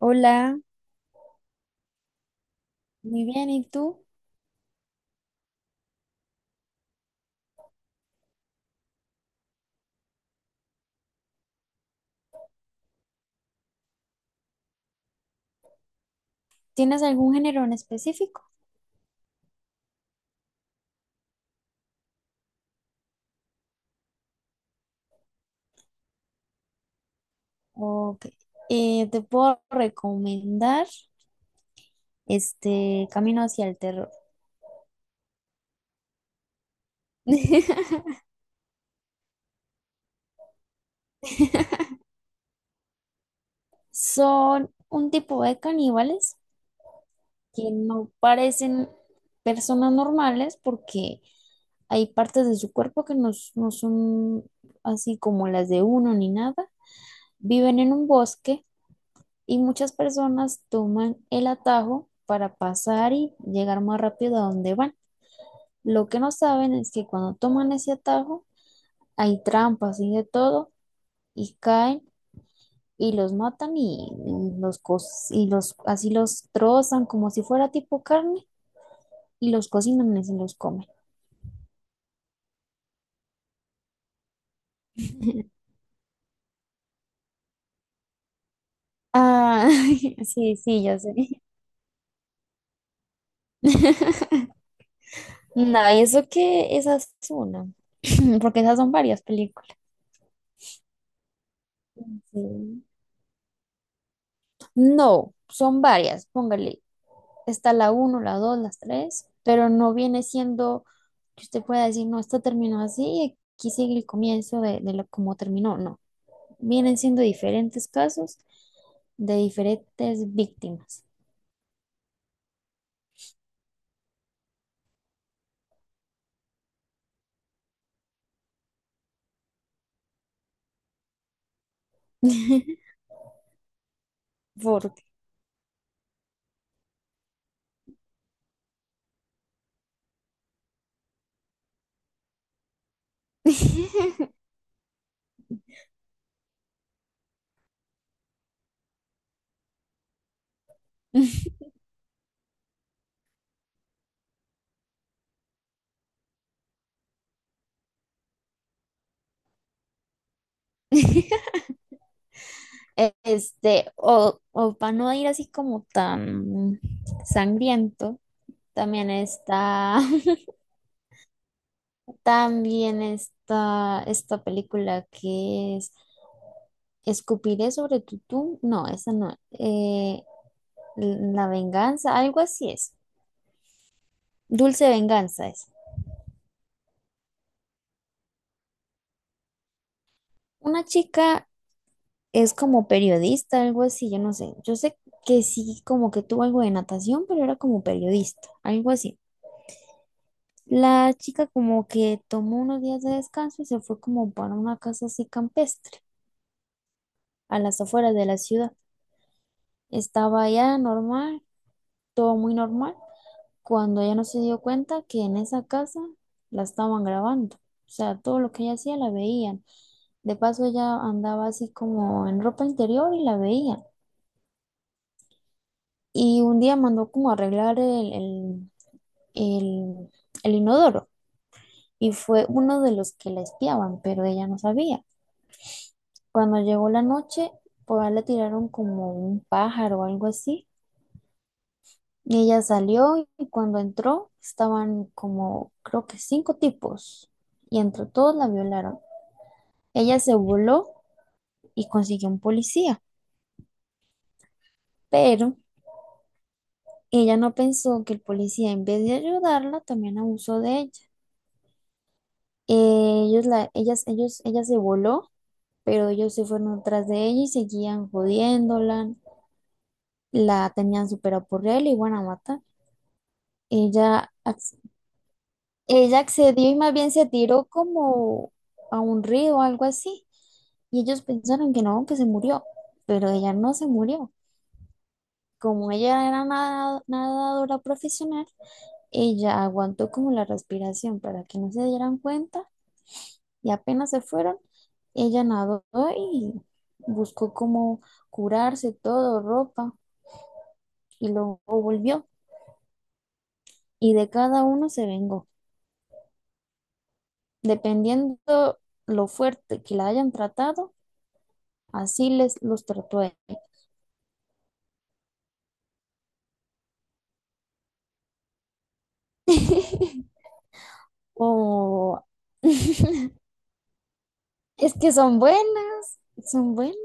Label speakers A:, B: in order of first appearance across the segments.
A: Hola, muy bien. ¿Y tú? ¿Tienes algún género en específico? Ok. Te puedo recomendar este Camino hacia el terror. Son un tipo de caníbales que no parecen personas normales porque hay partes de su cuerpo que no, no son así como las de uno ni nada. Viven en un bosque y muchas personas toman el atajo para pasar y llegar más rápido a donde van. Lo que no saben es que cuando toman ese atajo hay trampas y de todo y caen y los matan y y los así los trozan como si fuera tipo carne y los cocinan y se los comen. Ah, sí, sí, ya sé. Nada, y eso que esa es una, porque esas son varias películas. Sí. No, son varias, póngale. Está la uno, la dos, las tres, pero no viene siendo que usted pueda decir, no, esto terminó así y aquí sigue el comienzo de lo, cómo terminó. No, vienen siendo diferentes casos de diferentes víctimas. Porque este, o para no ir así como tan sangriento, también está, también está esta película que es Escupiré sobre tu tumba. No, esa no. La venganza, algo así es. Dulce venganza es. Una chica es como periodista, algo así, yo no sé. Yo sé que sí, como que tuvo algo de natación, pero era como periodista, algo así. La chica como que tomó unos días de descanso y se fue como para una casa así campestre, a las afueras de la ciudad. Estaba allá normal, todo muy normal. Cuando ella no se dio cuenta que en esa casa la estaban grabando. O sea, todo lo que ella hacía la veían. De paso, ella andaba así como en ropa interior y la veían. Y un día mandó como a arreglar el, el inodoro y fue uno de los que la espiaban, pero ella no sabía. Cuando llegó la noche, por ahí le tiraron como un pájaro o algo así. Y ella salió y cuando entró estaban como, creo que cinco tipos y entre todos la violaron. Ella se voló y consiguió un policía, pero ella no pensó que el policía en vez de ayudarla también abusó de ella. Ellos la, ellas, ellos, ella se voló, pero ellos se fueron tras de ella y seguían jodiéndola, la tenían súper apurreada y iban a matar. Ella Ella accedió y más bien se tiró como a un río o algo así. Y ellos pensaron que no, que se murió, pero ella no se murió. Como ella era nadadora profesional, ella aguantó como la respiración para que no se dieran cuenta y apenas se fueron, ella nadó y buscó como curarse todo, ropa, y luego volvió. Y de cada uno se vengó, dependiendo lo fuerte que la hayan tratado. Así les los trató. O es que son buenas, son buenas.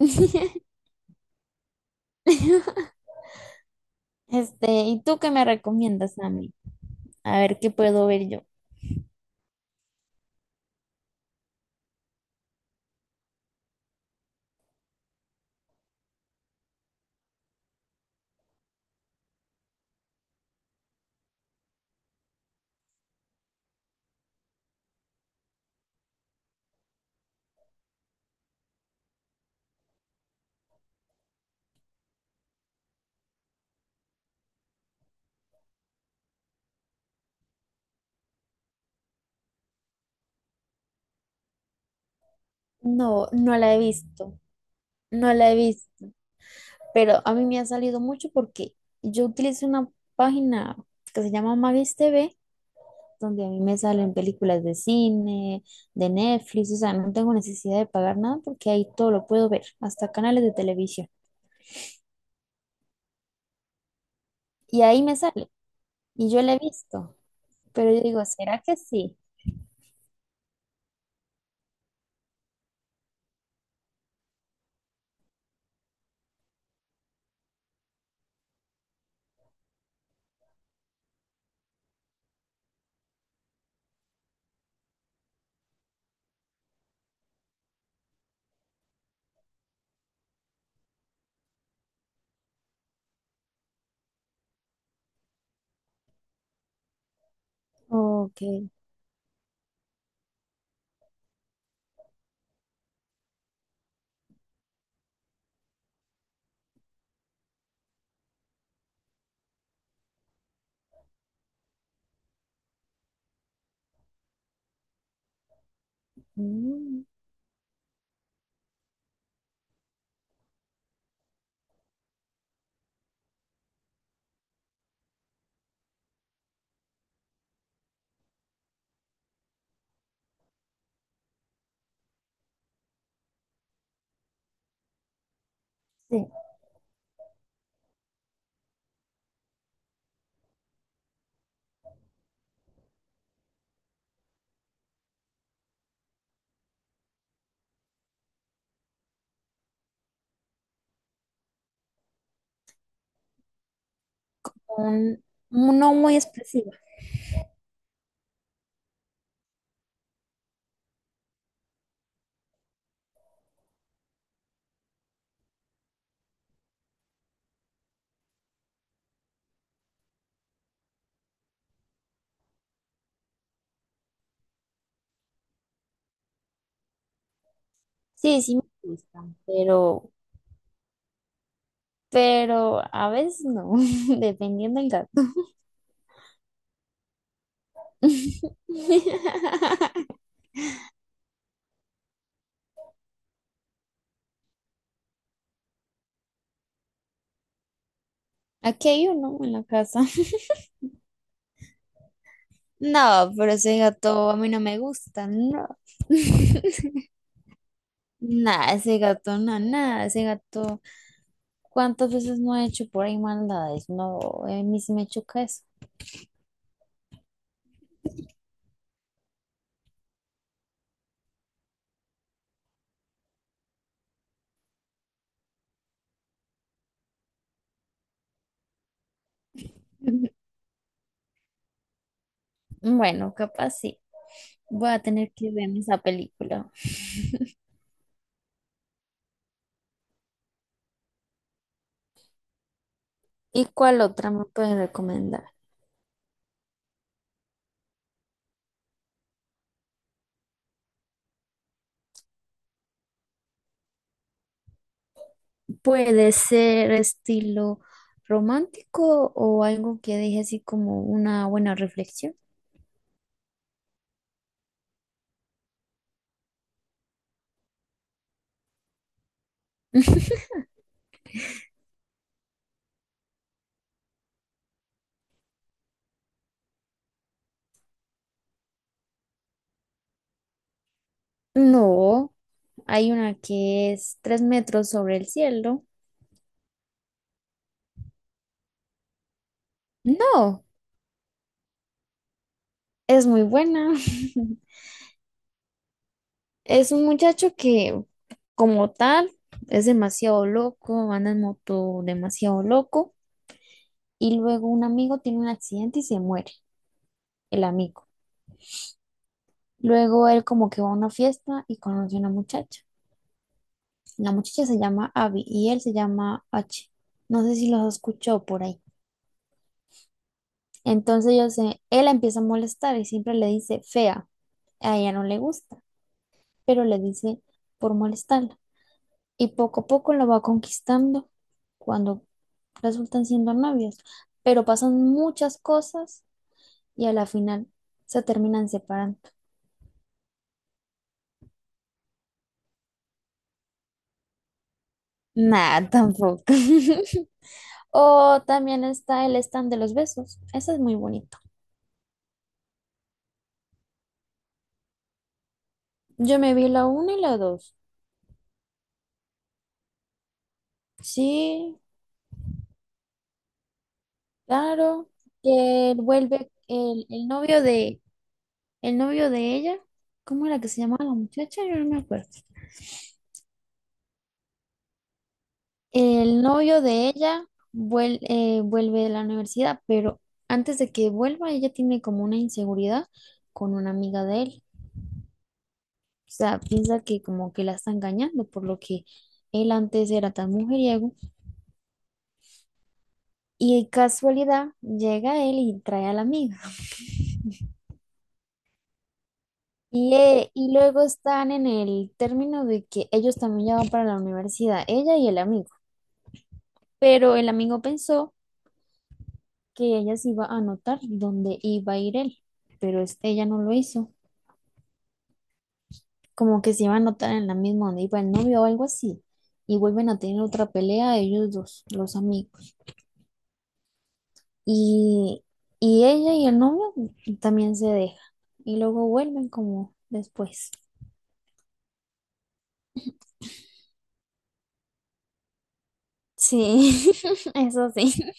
A: Este, ¿y tú qué me recomiendas a mí? A ver qué puedo ver yo. No, no la he visto, no la he visto, pero a mí me ha salido mucho porque yo utilizo una página que se llama Magis TV, donde a mí me salen películas de cine, de Netflix, o sea, no tengo necesidad de pagar nada porque ahí todo lo puedo ver, hasta canales de televisión. Y ahí me sale, y yo la he visto, pero yo digo, ¿será que sí? Ok. Mm. Sí, un- un no muy expresiva. Sí, sí me gusta, pero, pero, a veces no, dependiendo del gato. Aquí hay uno en la casa. No, pero ese gato a mí no me gusta, no. Nada, ese gato, no, nada, ese gato. ¿Cuántas veces no ha hecho por ahí maldades? No, a mí sí me choca eso. Bueno, capaz sí. Voy a tener que ver esa película. ¿Y cuál otra me puedes recomendar? Puede ser estilo romántico o algo que deje así como una buena reflexión. No, hay una que es Tres metros sobre el cielo. No, es muy buena. Es un muchacho que, como tal, es demasiado loco, anda en moto demasiado loco y luego un amigo tiene un accidente y se muere el amigo. Luego él como que va a una fiesta y conoce a una muchacha. La muchacha se llama Abby y él se llama H. No sé si los escuchó por ahí. Entonces yo sé él la empieza a molestar y siempre le dice fea. A ella no le gusta, pero le dice por molestarla. Y poco a poco lo va conquistando cuando resultan siendo novios. Pero pasan muchas cosas y a la final se terminan separando. Nada, tampoco. O también está el stand de los besos. Ese es muy bonito. Yo me vi la uno y la dos. Sí, claro. Que él vuelve el novio de ella. ¿Cómo era que se llamaba la muchacha? Yo no me acuerdo. El novio de ella vuelve de la universidad, pero antes de que vuelva, ella tiene como una inseguridad con una amiga de él. O sea, piensa que como que la está engañando, por lo que él antes era tan mujeriego. Y casualidad, llega él y trae a la amiga. Y luego están en el término de que ellos también ya van para la universidad, ella y el amigo. Pero el amigo pensó que ella se iba a anotar donde iba a ir él, pero ella no lo hizo. Como que se iba a anotar en la misma donde iba el novio o algo así. Y vuelven a tener otra pelea ellos dos, los amigos. Y, y ella y el novio también se dejan. Y luego vuelven como después. Sí, eso sí.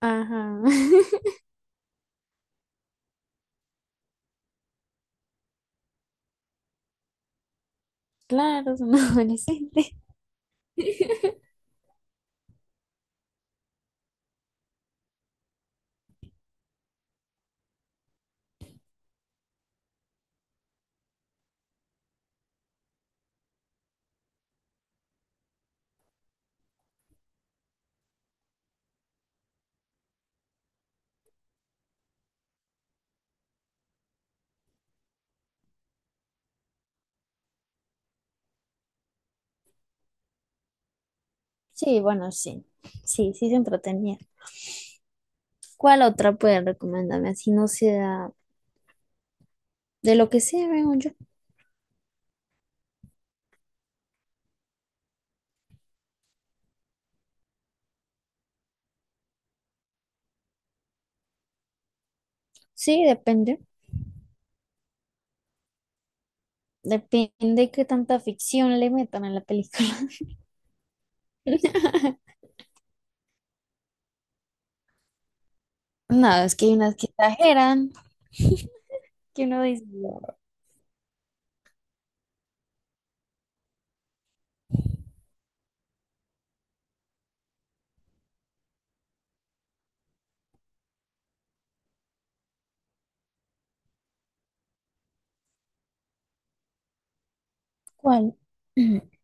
A: Ajá. Claro, es un adolescente. Sí, bueno, sí. Sí, sí se entretenía. ¿Cuál otra puede recomendarme? Así no sea de lo que sea, veo yo. Sí, depende. Depende qué tanta ficción le metan a la película. No, es que hay unas que exageran, que uno dice, ¿cuál?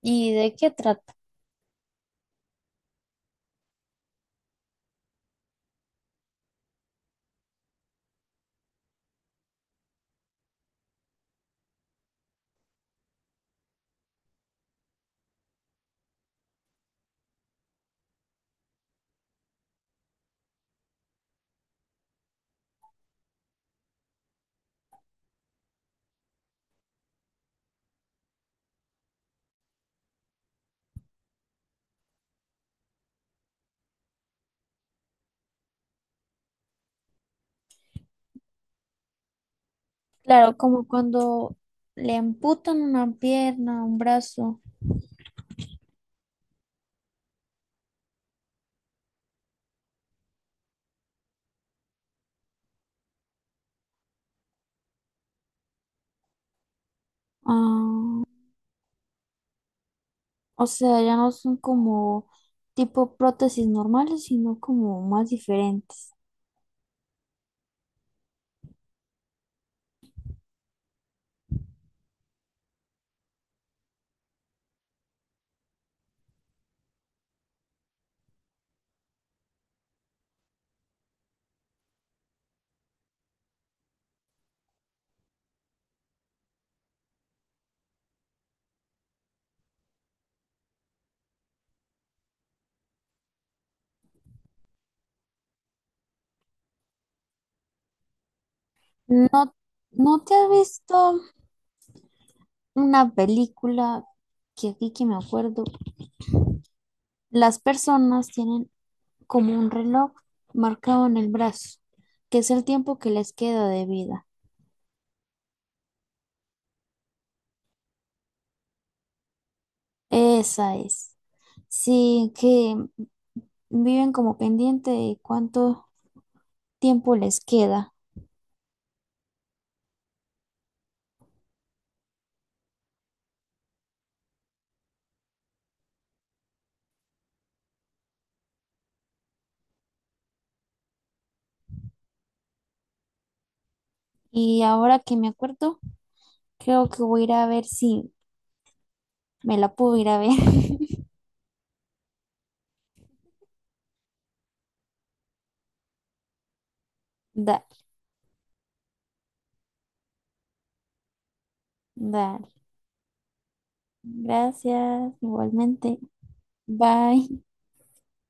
A: ¿Y de qué trata? Claro, como cuando le amputan una pierna, un brazo. Ah. O sea, ya no son como tipo prótesis normales, sino como más diferentes. No, ¿no te has visto una película que aquí que me acuerdo? Las personas tienen como un reloj marcado en el brazo, que es el tiempo que les queda de vida. Esa es. Sí, que viven como pendiente de cuánto tiempo les queda. Y ahora que me acuerdo, creo que voy a ir a ver si me la puedo ir a ver. Dale, dar. Gracias, igualmente. Bye.